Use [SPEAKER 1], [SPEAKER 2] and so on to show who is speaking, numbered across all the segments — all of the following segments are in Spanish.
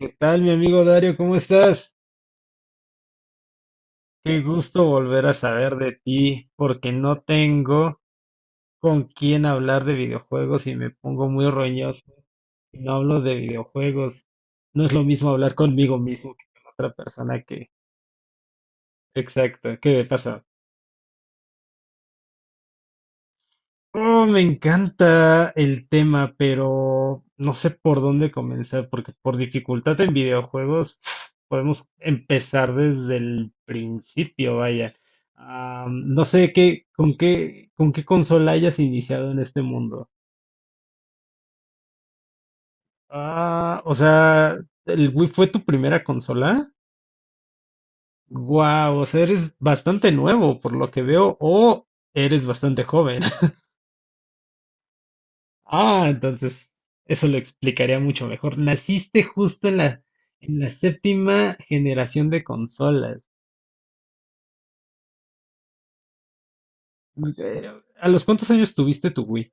[SPEAKER 1] ¿Qué tal, mi amigo Dario? ¿Cómo estás? Qué gusto volver a saber de ti, porque no tengo con quién hablar de videojuegos y me pongo muy roñoso. Y no hablo de videojuegos. No es lo mismo hablar conmigo mismo que con otra persona que… Exacto, ¿qué me pasa? Oh, me encanta el tema, pero no sé por dónde comenzar, porque por dificultad en videojuegos pf, podemos empezar desde el principio, vaya. No sé qué, con qué consola hayas iniciado en este mundo. O sea, ¿el Wii fue tu primera consola? Guau, o sea, eres bastante nuevo por lo que veo, o eres bastante joven. Entonces eso lo explicaría mucho mejor. Naciste justo en en la séptima generación de consolas. Eh, ¿A los cuántos años tuviste tu Wii?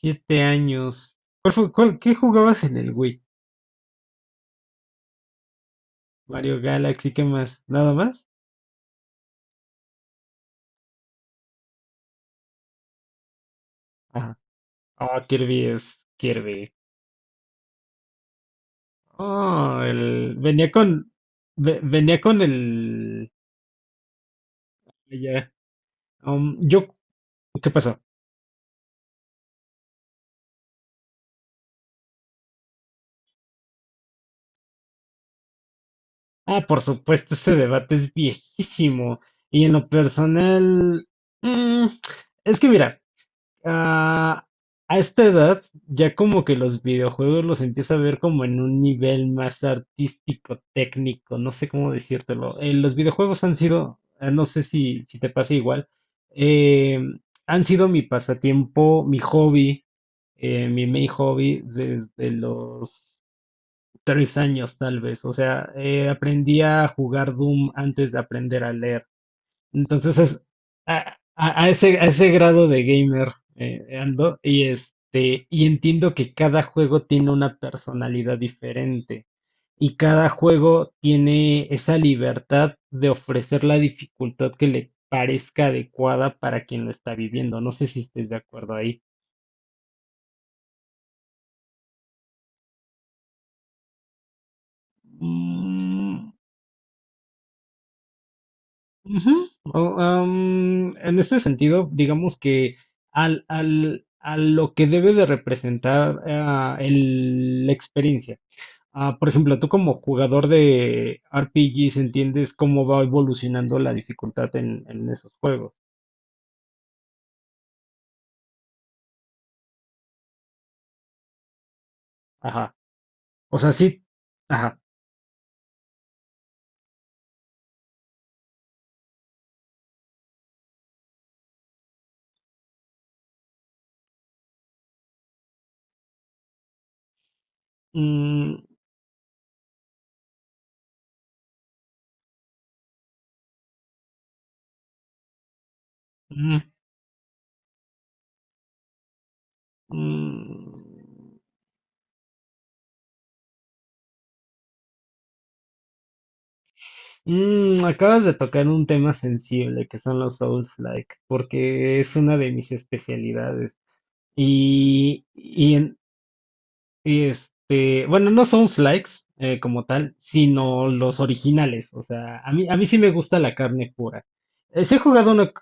[SPEAKER 1] Siete años. ¿Qué jugabas en el Wii? Mario Galaxy, ¿qué más? ¿Nada más? Ah, Kirby es Kirby. Oh, venía con, venía con el, ya, yo, ¿qué pasó? Por supuesto, ese debate es viejísimo. Y en lo personal, mm, es que mira, ah, a esta edad ya como que los videojuegos los empieza a ver como en un nivel más artístico, técnico, no sé cómo decírtelo. Los videojuegos han sido, no sé si te pasa igual, eh, han sido mi pasatiempo, mi hobby, mi main hobby desde los tres años tal vez. O sea, aprendí a jugar Doom antes de aprender a leer. Entonces es a ese grado de gamer ando y este, y entiendo que cada juego tiene una personalidad diferente y cada juego tiene esa libertad de ofrecer la dificultad que le parezca adecuada para quien lo está viviendo. No sé si estés de acuerdo ahí. Mm, ujú. O, en este sentido, digamos que a lo que debe de representar el- la experiencia. Por ejemplo, tú como jugador de RPGs entiendes cómo va evolucionando la dificultad en esos juegos. Ajá. O sea, sí. Ajá. Mm, mm, mm. Mm, acabas de tocar un tema sensible que son los Souls-like, porque es una de mis especialidades. Y, y, en- y este, bueno, no son likes como tal, sino los originales. O sea, a mí sí me gusta la carne pura. Sí he jugado uno.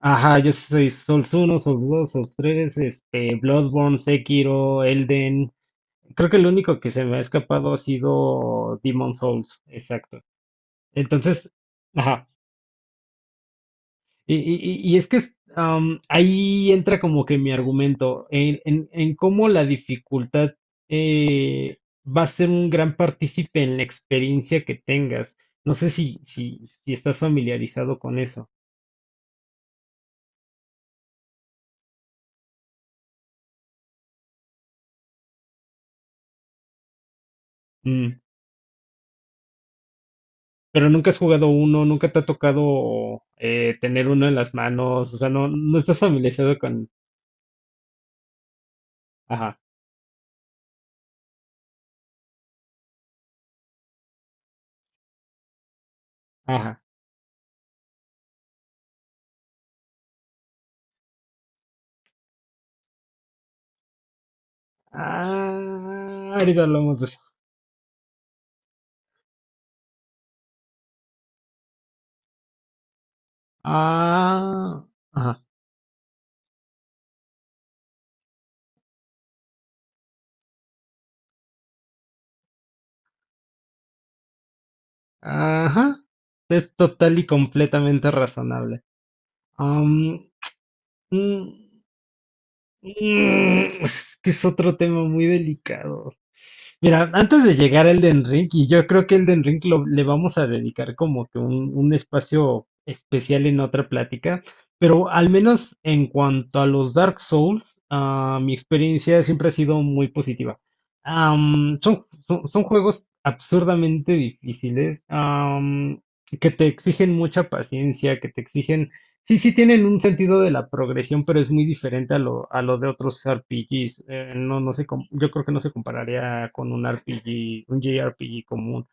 [SPEAKER 1] Ajá, yo soy Souls uno Souls 2 Souls 3 este, Bloodborne, Sekiro, Elden. Creo que el único que se me ha escapado ha sido Demon Souls, exacto. Entonces, ajá. Y es que ahí entra como que mi argumento en cómo la dificultad eh, va a ser un gran partícipe en la experiencia que tengas. No sé si estás familiarizado con eso. Mm, pero nunca has jugado uno, nunca te ha tocado tener uno en las manos, o sea, no, no estás familiarizado con… Ajá, ajá. Ahorita hablamos de eso. Ah, ajá. Ajá, es total y completamente razonable. Am, mm, mm, es que es otro tema muy delicado. Mira, antes de llegar al Elden Ring, y yo creo que Elden Ring le vamos a dedicar como que un espacio especial en otra plática, pero al menos en cuanto a los Dark Souls, mi experiencia siempre ha sido muy positiva. Am, son, son, son juegos absurdamente difíciles, am, que te exigen mucha paciencia, que te exigen sí, sí tienen un sentido de la progresión, pero es muy diferente a a lo de otros RPGs. No, yo creo que no se compararía con un RPG, un JRPG común.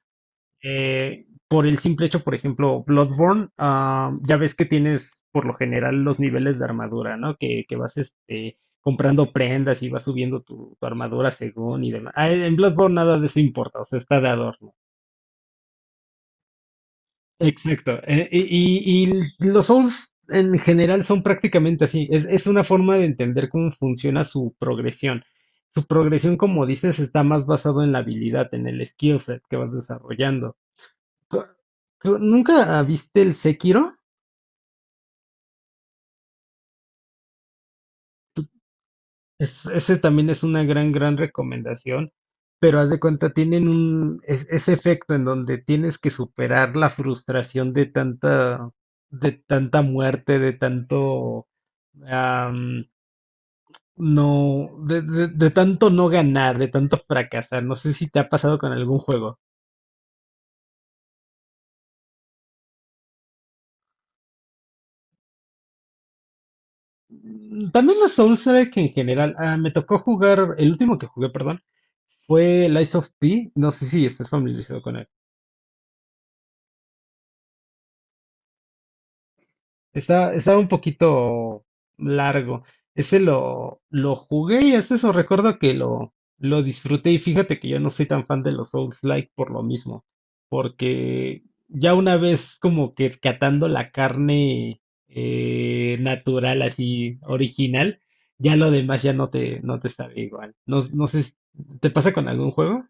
[SPEAKER 1] Por el simple hecho, por ejemplo, Bloodborne, ya ves que tienes por lo general los niveles de armadura, ¿no? Que vas este, comprando prendas y vas subiendo tu, tu armadura según y demás. En Bloodborne nada de eso importa, o sea, está de adorno. Exacto. Y los Souls en general son prácticamente así. Es una forma de entender cómo funciona su progresión. Su progresión, como dices, está más basado en la habilidad, en el skill set que vas desarrollando. Co- ¿Nunca viste el Sekiro? Ese también es una gran, gran recomendación. Pero haz de cuenta, tienen un, ese efecto en donde tienes que superar la frustración de tanta muerte, de tanto. No, de tanto no ganar, de tanto fracasar. No sé si te ha pasado con algún juego. Mm, también los Souls-like en general. Me tocó jugar, el último que jugué, perdón, fue Lies of P. No sé si estás familiarizado con él. Está, está un poquito largo. Ese lo jugué y hasta eso recuerdo que lo disfruté. Y fíjate que yo no soy tan fan de los Souls-like por lo mismo. Porque ya una vez como que catando la carne natural, así original, ya lo demás ya no te, no te sabe igual. No, no sé, si… ¿te pasa con algún juego?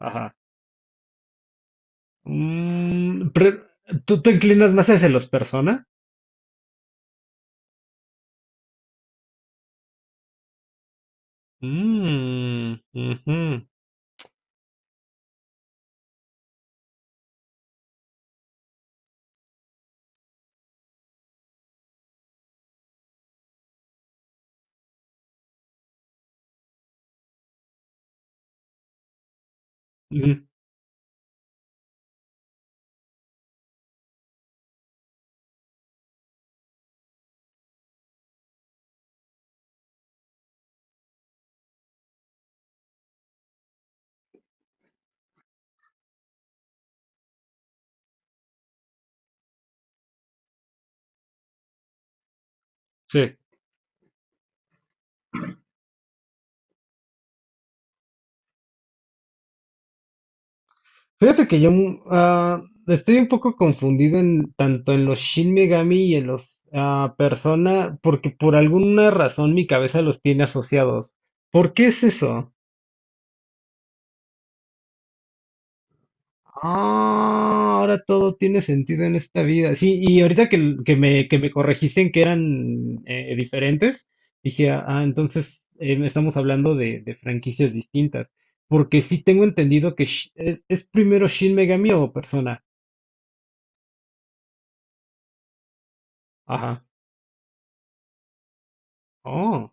[SPEAKER 1] Ajá. Mm, pre- ¿tú te inclinas más hacia los Persona? Mm, ujú. Ujú, sí. Fíjate que yo mm, estoy un poco confundido en tanto en los Shin Megami y en los Persona, porque por alguna razón mi cabeza los tiene asociados. ¿Por qué es eso? Ah, ahora todo tiene sentido en esta vida. Sí, y ahorita que, que me corregiste en que eran diferentes, dije, ah, entonces estamos hablando de franquicias distintas. Porque sí tengo entendido que es primero Shin Megami o Persona. Ajá. Oh,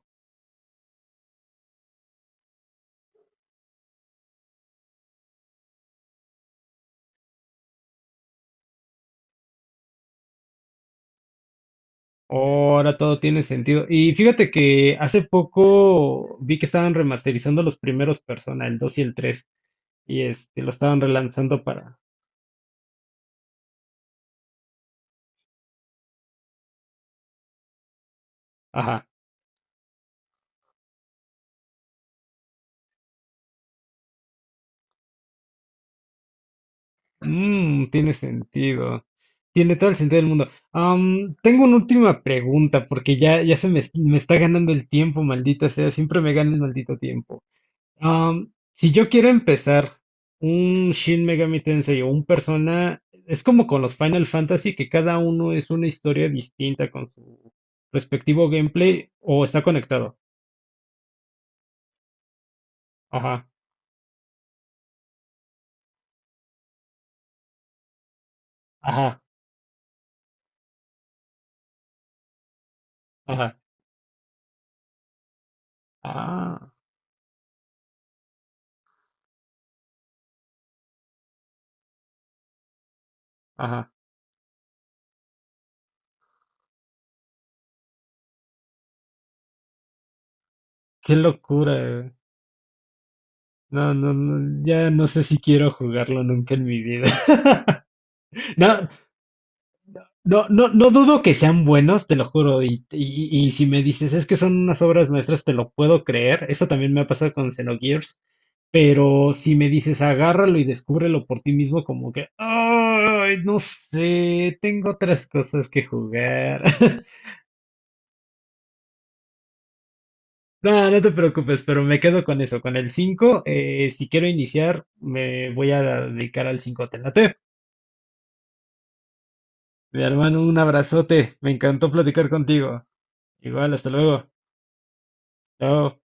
[SPEAKER 1] ahora todo tiene sentido. Y fíjate que hace poco vi que estaban remasterizando los primeros Persona, el 2 y el 3, y este, lo estaban relanzando para… Ajá. Mmm, tiene sentido. Tiene todo el sentido del mundo. Am, tengo una última pregunta, porque ya, ya se me, me está ganando el tiempo, maldita sea. Siempre me gana el maldito tiempo. Am, si yo quiero empezar un Shin Megami Tensei o un Persona, es como con los Final Fantasy, que cada uno es una historia distinta con su respectivo gameplay o está conectado. Ajá, ajá, ajá, ah, ajá. Qué locura. Eh. No, no, no, ya no sé si quiero jugarlo nunca en mi vida. No, no, no, no dudo que sean buenos, te lo juro. Y si me dices, es que son unas obras maestras, te lo puedo creer. Eso también me ha pasado con Xenogears. Pero si me dices, agárralo y descúbrelo por ti mismo, como que, ay, no sé, tengo otras cosas que jugar. No, no te preocupes, pero me quedo con eso, con el 5. Si quiero iniciar, me voy a dedicar al 5. Te late. Mi hermano, un abrazote. Me encantó platicar contigo. Igual, hasta luego. Chao.